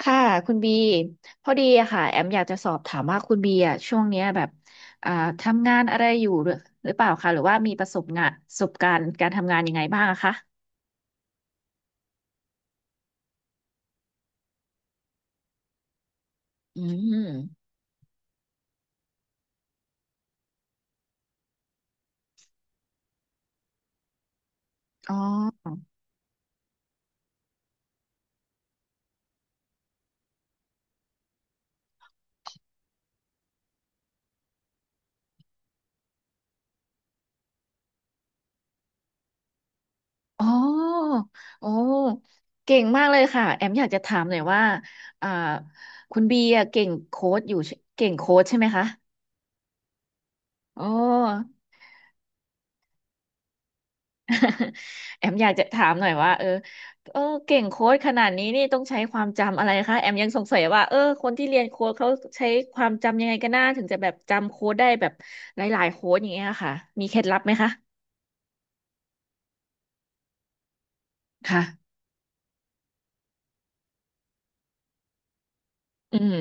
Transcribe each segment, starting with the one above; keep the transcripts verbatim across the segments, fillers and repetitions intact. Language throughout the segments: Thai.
ค่ะคุณบีพอดีอะค่ะแอมอยากจะสอบถามว่าคุณบีอะช่วงเนี้ยแบบอ่าทำงานอะไรอยู่หรือหรือเปล่าคะหรือว่ามีประสบงานประสบการณ์การทำงานยังไงบ้างอะคะอืมอ๋ออ๋อโอ้เก่งมากเลยค่ะแอมอยากจะถามหน่อยว่าอ่าคุณบีอะเก่งโค้ดอยู่ใช่เก่งโค้ดใช่ไหมคะโอ้ แอมอยากจะถามหน่อยว่าเออเออเก่งโค้ดขนาดนี้นี่ต้องใช้ความจำอะไรคะแอมยังสงสัยว่าเออคนที่เรียนโค้ดเขาใช้ความจำยังไงกันน้าถึงจะแบบจำโค้ดได้แบบหลายๆโค้ดอย่างเงี้ยค่ะมีเคล็ดลับไหมคะค่ะอืม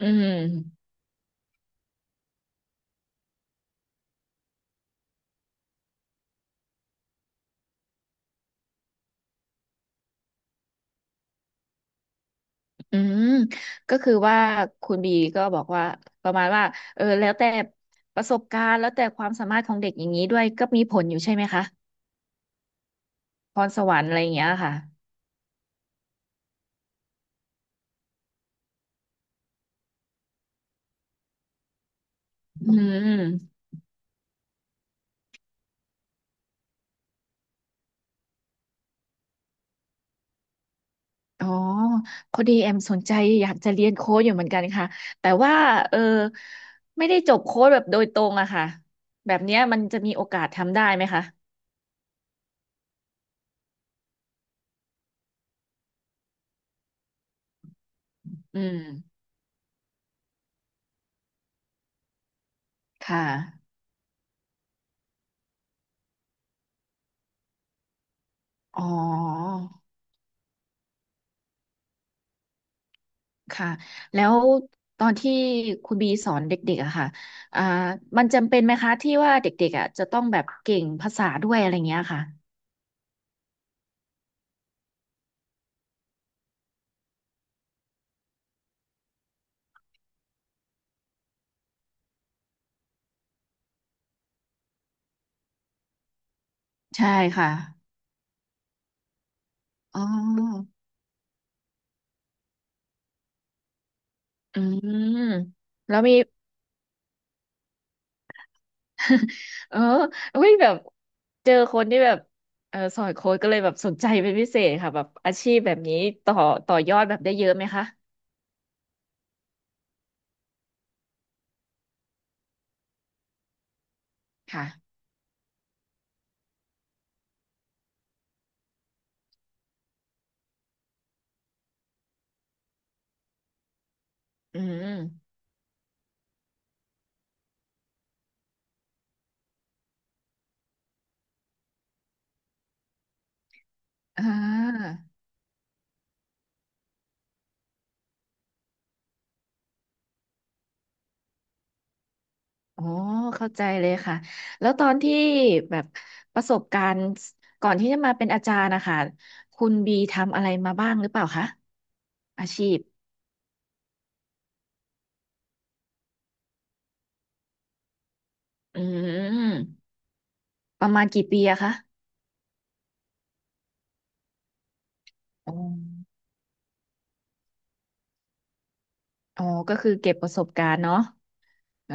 อืมอืมก็คือว่าคุณบีก็บอกว่าประมาณว่าเออแล้วแต่ประสบการณ์แล้วแต่ความสามารถของเด็กอย่างนี้ด้วยก็มีผลอยู่ใช่ไหมคะพรสวรรค์อะไรอย่างเงี้ยค่ะอืม อ๋อพอดีแอมสนใจอยากจะเรียนโค้ดอยู่เหมือนกันค่ะแต่ว่าเออไม่ได้จบโค้ดแบบโดยตรงอะค่ะแบบเนี้ยมันจะมีโอกาสทำได้ไหมคะอืมค่ะอ๋อค่ะแล้วตอนที่คุณบีสอนเด็กๆอะค่ะอ่ามันจำเป็นไหมคะที่ว่าเด็กๆอะจะต้องแบบเก่งภาษาด้วยอะไรเงี้ยค่ะใช่ค่ะอ๋ออืมแล้วมี เออเฮ้ยแบบเจอคนที่แบบเออสอนโค้ดก็เลยแบบสนใจเป็นพิเศษค่ะแบบอาชีพแบบนี้ต่อต่อยอดแบบได้เยอะไหมคะค่ะอืมอ่าอ๋อเข้าใจเลยค่ะแล้วตอนที่แบบประสบการณ์ก่อนที่จะมาเป็นอาจารย์นะคะคุณบีทำอะไรมาบ้างหรือเปล่าคะอาชีพอืมประมาณกี่ปีอะคะอ๋ออ๋อก็คือเก็บประสบการณ์เนาะเออ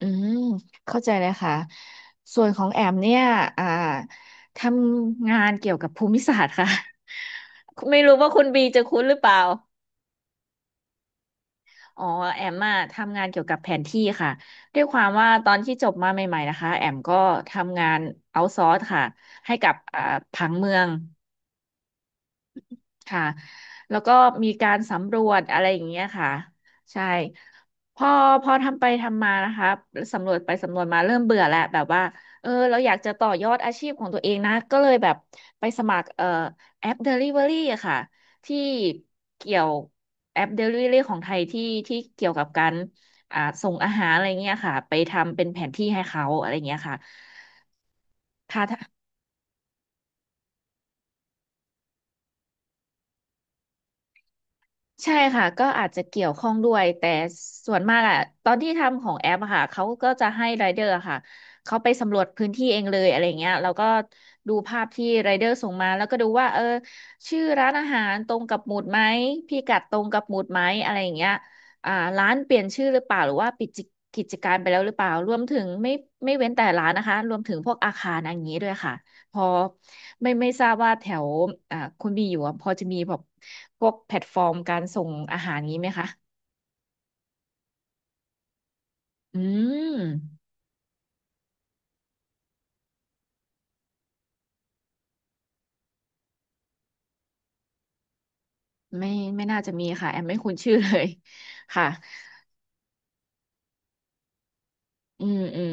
อืมเข้าใจเลยค่ะส่วนของแอมเนี่ยอ่าทำงานเกี่ยวกับภูมิศาสตร์ค่ะ ไม่รู้ว่าคุณบีจะคุ้นหรือเปล่าอ๋อแอมอะทำงานเกี่ยวกับแผนที่ค่ะด้วยความว่าตอนที่จบมาใหม่ๆนะคะแอมก็ทำงานเอาซอร์สค่ะให้กับอ่าผังเมือง ค่ะแล้วก็มีการสำรวจอะไรอย่างเงี้ยค่ะ ใช่พอพอทำไปทำมานะคะ สำรวจไปสำรวจมาเริ่มเบื่อแล้วแบบว่า เออเราอยากจะต่อยอดอาชีพของตัวเองนะ ก็เลยแบบไปสมัครเอ่อแอป Delivery อะค่ะ ที่เกี่ยวแอป Delivery ของไทยที่ที่เกี่ยวกับการอ่าส่งอาหารอะไรเงี้ยค่ะ ไปทำเป็นแผนที่ให้เขาอะไรเงี้ยค่ะค่ะ ใช่ค่ะก็อาจจะเกี่ยวข้องด้วยแต่ส่วนมากอะตอนที่ทำของแอปอะค่ะเขาก็จะให้ไรเดอร์อะค่ะเขาไปสำรวจพื้นที่เองเลยอะไรเงี้ยแล้วก็ดูภาพที่ไรเดอร์ส่งมาแล้วก็ดูว่าเออชื่อร้านอาหารตรงกับหมุดไหมพิกัดตรงกับหมุดไหมอะไรอย่างเงี้ยอ่าร้านเปลี่ยนชื่อหรือเปล่าหรือว่าปิดกิจการไปแล้วหรือเปล่ารวมถึงไม่ไม่เว้นแต่ร้านนะคะรวมถึงพวกอาคารอย่างนี้ด้วยค่ะ พอไม่ไม่ทราบว่าแถวอ่าคุณบีอยู่อะพอจะมีแบบพวกแพลตฟอร์มการส่งอาหารนี้ไหมคะอืมไม่ไม่น่าจะมีค่ะแอมไม่คุ้นชื่อเลยค่ะอืมอืม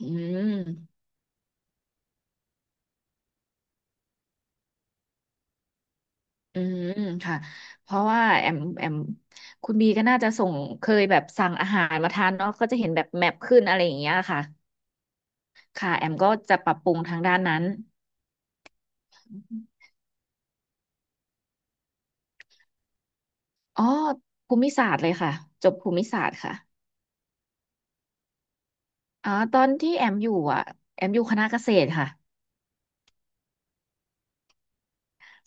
อืมอืมค่ะเพราะว่าแอมแอมคุณบีก็น่าจะส่งเคยแบบสั่งอาหารมาทานเนาะก็จะเห็นแบบแมปขึ้นอะไรอย่างเงี้ยค่ะค่ะแอมก็จะปรับปรุงทางด้านนั้นอ๋อภูมิศาสตร์เลยค่ะจบภูมิศาสตร์ค่ะ อ๋อตอนที่แอมอยู่อ่ะแอมอยู่คณะเกษตรค่ะ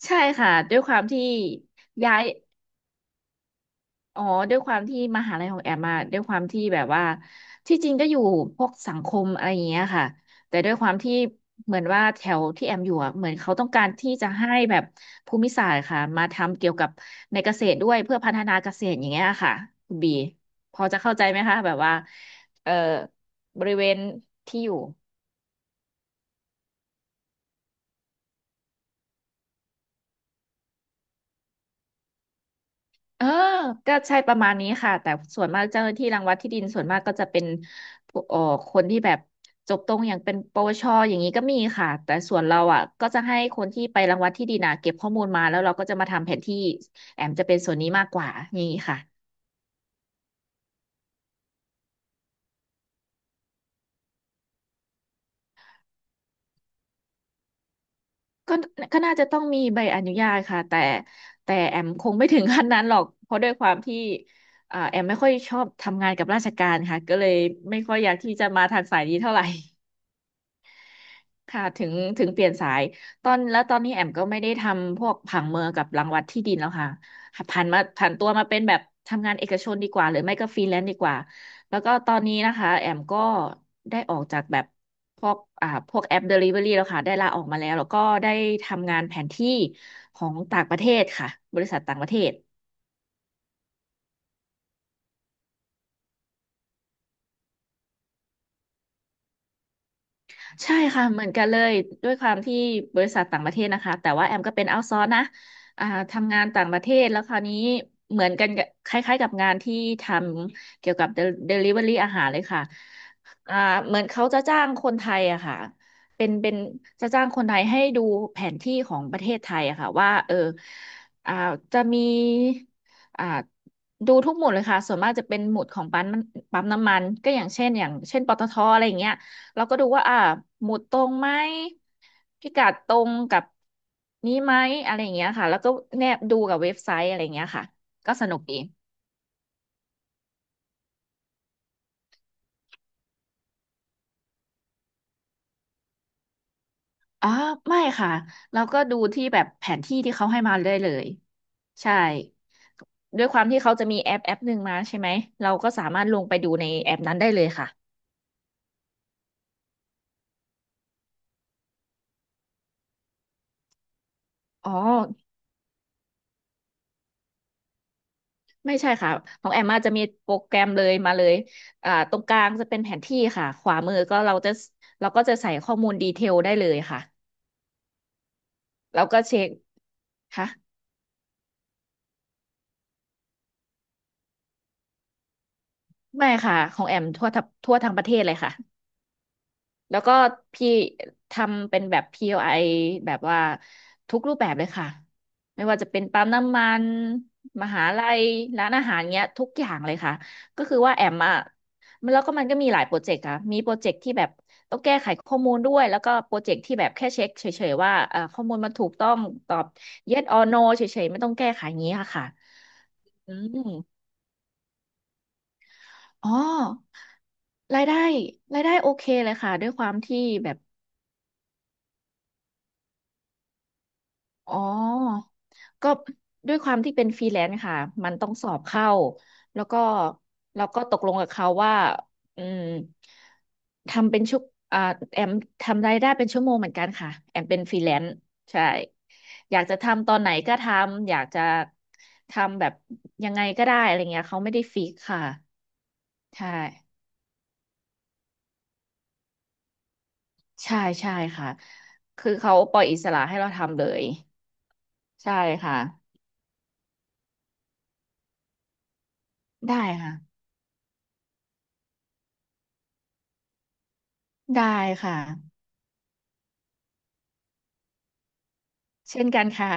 ใช่ค่ะด้วยความที่ย้ายอ๋อด้วยความที่มหาลัยของแอมมาด้วยความที่แบบว่าที่จริงก็อยู่พวกสังคมอะไรอย่างเงี้ยค่ะแต่ด้วยความที่เหมือนว่าแถวที่แอมอยู่อ่ะเหมือนเขาต้องการที่จะให้แบบภูมิศาสตร์ค่ะมาทำเกี่ยวกับในเกษตรด้วยเพื่อพัฒนาเกษตรอย่างเงี้ยค่ะคุณบีพอจะเข้าใจไหมคะแบบว่าเอ่อบริเวณที่อยู่ เออ ก็ใช่ประมาณนี้ค่ะแต่ส่วนมากเจ้าหน้าที่รังวัดที่ดินส่วนมากก็จะเป็นผู้เอ่อคนที่แบบจบตรงอย่างเป็นปวชอย่างนี้ก็มีค่ะแต่ส่วนเราอ่ะก็จะให้คนที่ไปรังวัดที่ดินอ่ะเก็บข้อมูลมาแล้วเราก็จะมาทำแผนที่แอมจะเป็นส่วนนี้มากกว่าอย่างนี้ค่ะก็ก็น่าจะต้องมีใบอนุญาตค่ะแต่แต่แอมคงไม่ถึงขั้นนั้นหรอกเพราะด้วยความที่อ่าแอมไม่ค่อยชอบทำงานกับราชการค่ะก็เลยไม่ค่อยอยากที่จะมาทางสายนี้เท่าไหร่ ค่ะถึงถึงเปลี่ยนสายตอนแล้วตอนนี้แอมก็ไม่ได้ทำพวกผังเมืองกับรังวัดที่ดินแล้วค่ะผ่านมาผ่านตัวมาเป็นแบบทำงานเอกชนดีกว่าหรือไม่ก็ฟรีแลนซ์ดีกว่าแล้วก็ตอนนี้นะคะแอมก็ได้ออกจากแบบพวกอ่าพวกแอป Delivery แล้วค่ะได้ลาออกมาแล้วแล้วก็ได้ทำงานแผนที่ของต่างประเทศค่ะบริษัทต่างประเทศ ใช่ค่ะเหมือนกันเลยด้วยความที่บริษัทต่างประเทศนะคะแต่ว่าแอมก็เป็นเอาท์ซอร์นะอ่าทำงานต่างประเทศแล้วคราวนี้เหมือนกันกับคล้ายๆกับงานที่ทำเกี่ยวกับเดลิเวอรี่อาหารเลยค่ะอ่าเหมือนเขาจะจ้างคนไทยอะค่ะเป็นเป็นจะจ้างคนไทยให้ดูแผนที่ของประเทศไทยอะค่ะว่าเอออ่าจะมีอ่าดูทุกหมุดเลยค่ะส่วนมากจะเป็นหมุดของปั๊มปั๊มน้ำมันก็อย่างเช่นอย่างเช่นปตทอะไรอย่างเงี้ย เราก็ดูว่าอ่าหมุดตรงไหมพิกัดตรงกับนี้ไหมอะไรอย่างเงี้ยค่ะแล้วก็แนบดูกับเว็บไซต์อะไรอย่างเงี้ยค่ะก็สนุกดีอ๋อไม่ค่ะเราก็ดูที่แบบแผนที่ที่เขาให้มาเลยเลยใช่ด้วยความที่เขาจะมีแอปแอปหนึ่งมาใช่ไหมเราก็สามารถลงไปดูในแอปนั้นได้เลยค่ะอ๋อไม่ใช่ค่ะของแอมมาจะมีโปรแกรมเลยมาเลยอ่าตรงกลางจะเป็นแผนที่ค่ะขวามือก็เราจะเราก็จะใส่ข้อมูลดีเทลได้เลยค่ะ แล้วก็เช็คค่ะไม่ค่ะของแอมทั่วทัทั่วทั้งประเทศเลยค่ะแล้วก็พี่ทำเป็นแบบ พี โอ ไอ แบบว่าทุกรูปแบบเลยค่ะไม่ว่าจะเป็นปั๊มน้ำมันมหาลัยร้านอาหารเงี้ยทุกอย่างเลยค่ะก็คือว่าแอมอ่ะมันแล้วก็มันก็มีหลายโปรเจกต์ค่ะมีโปรเจกต์ที่แบบต้องแก้ไขข้อมูลด้วยแล้วก็โปรเจกต์ที่แบบแค่เช็คเฉยๆว่าเอ่อข้อมูลมันถูกต้องตอบ yes or no เฉยๆไม่ต้องแก้ไขอย่างนี้ค่ะค่ะอืม อ๋อรายได้รายได้โอเคเลยค่ะด้วยความที่แบบอ๋อก็ด้วยความที่เป็นฟรีแลนซ์ค่ะมันต้องสอบเข้าแล้วก็เราก็ตกลงกับเขาว่าอืมทำเป็นชุกอ่าแอมทำรายได้เป็นชั่วโมงเหมือนกันค่ะแอมเป็นฟรีแลนซ์ใช่อยากจะทำตอนไหนก็ทำอยากจะทำแบบยังไงก็ได้อะไรเงี้ยเขาไม่ได้ฟิกค่ะใช่ ใช่ใช่ค่ะ คือเขาปล่อยอิสระให้เราทำเลยใช่ค่ะได้ค่ะได้ค่ะเช่นกันค่ะ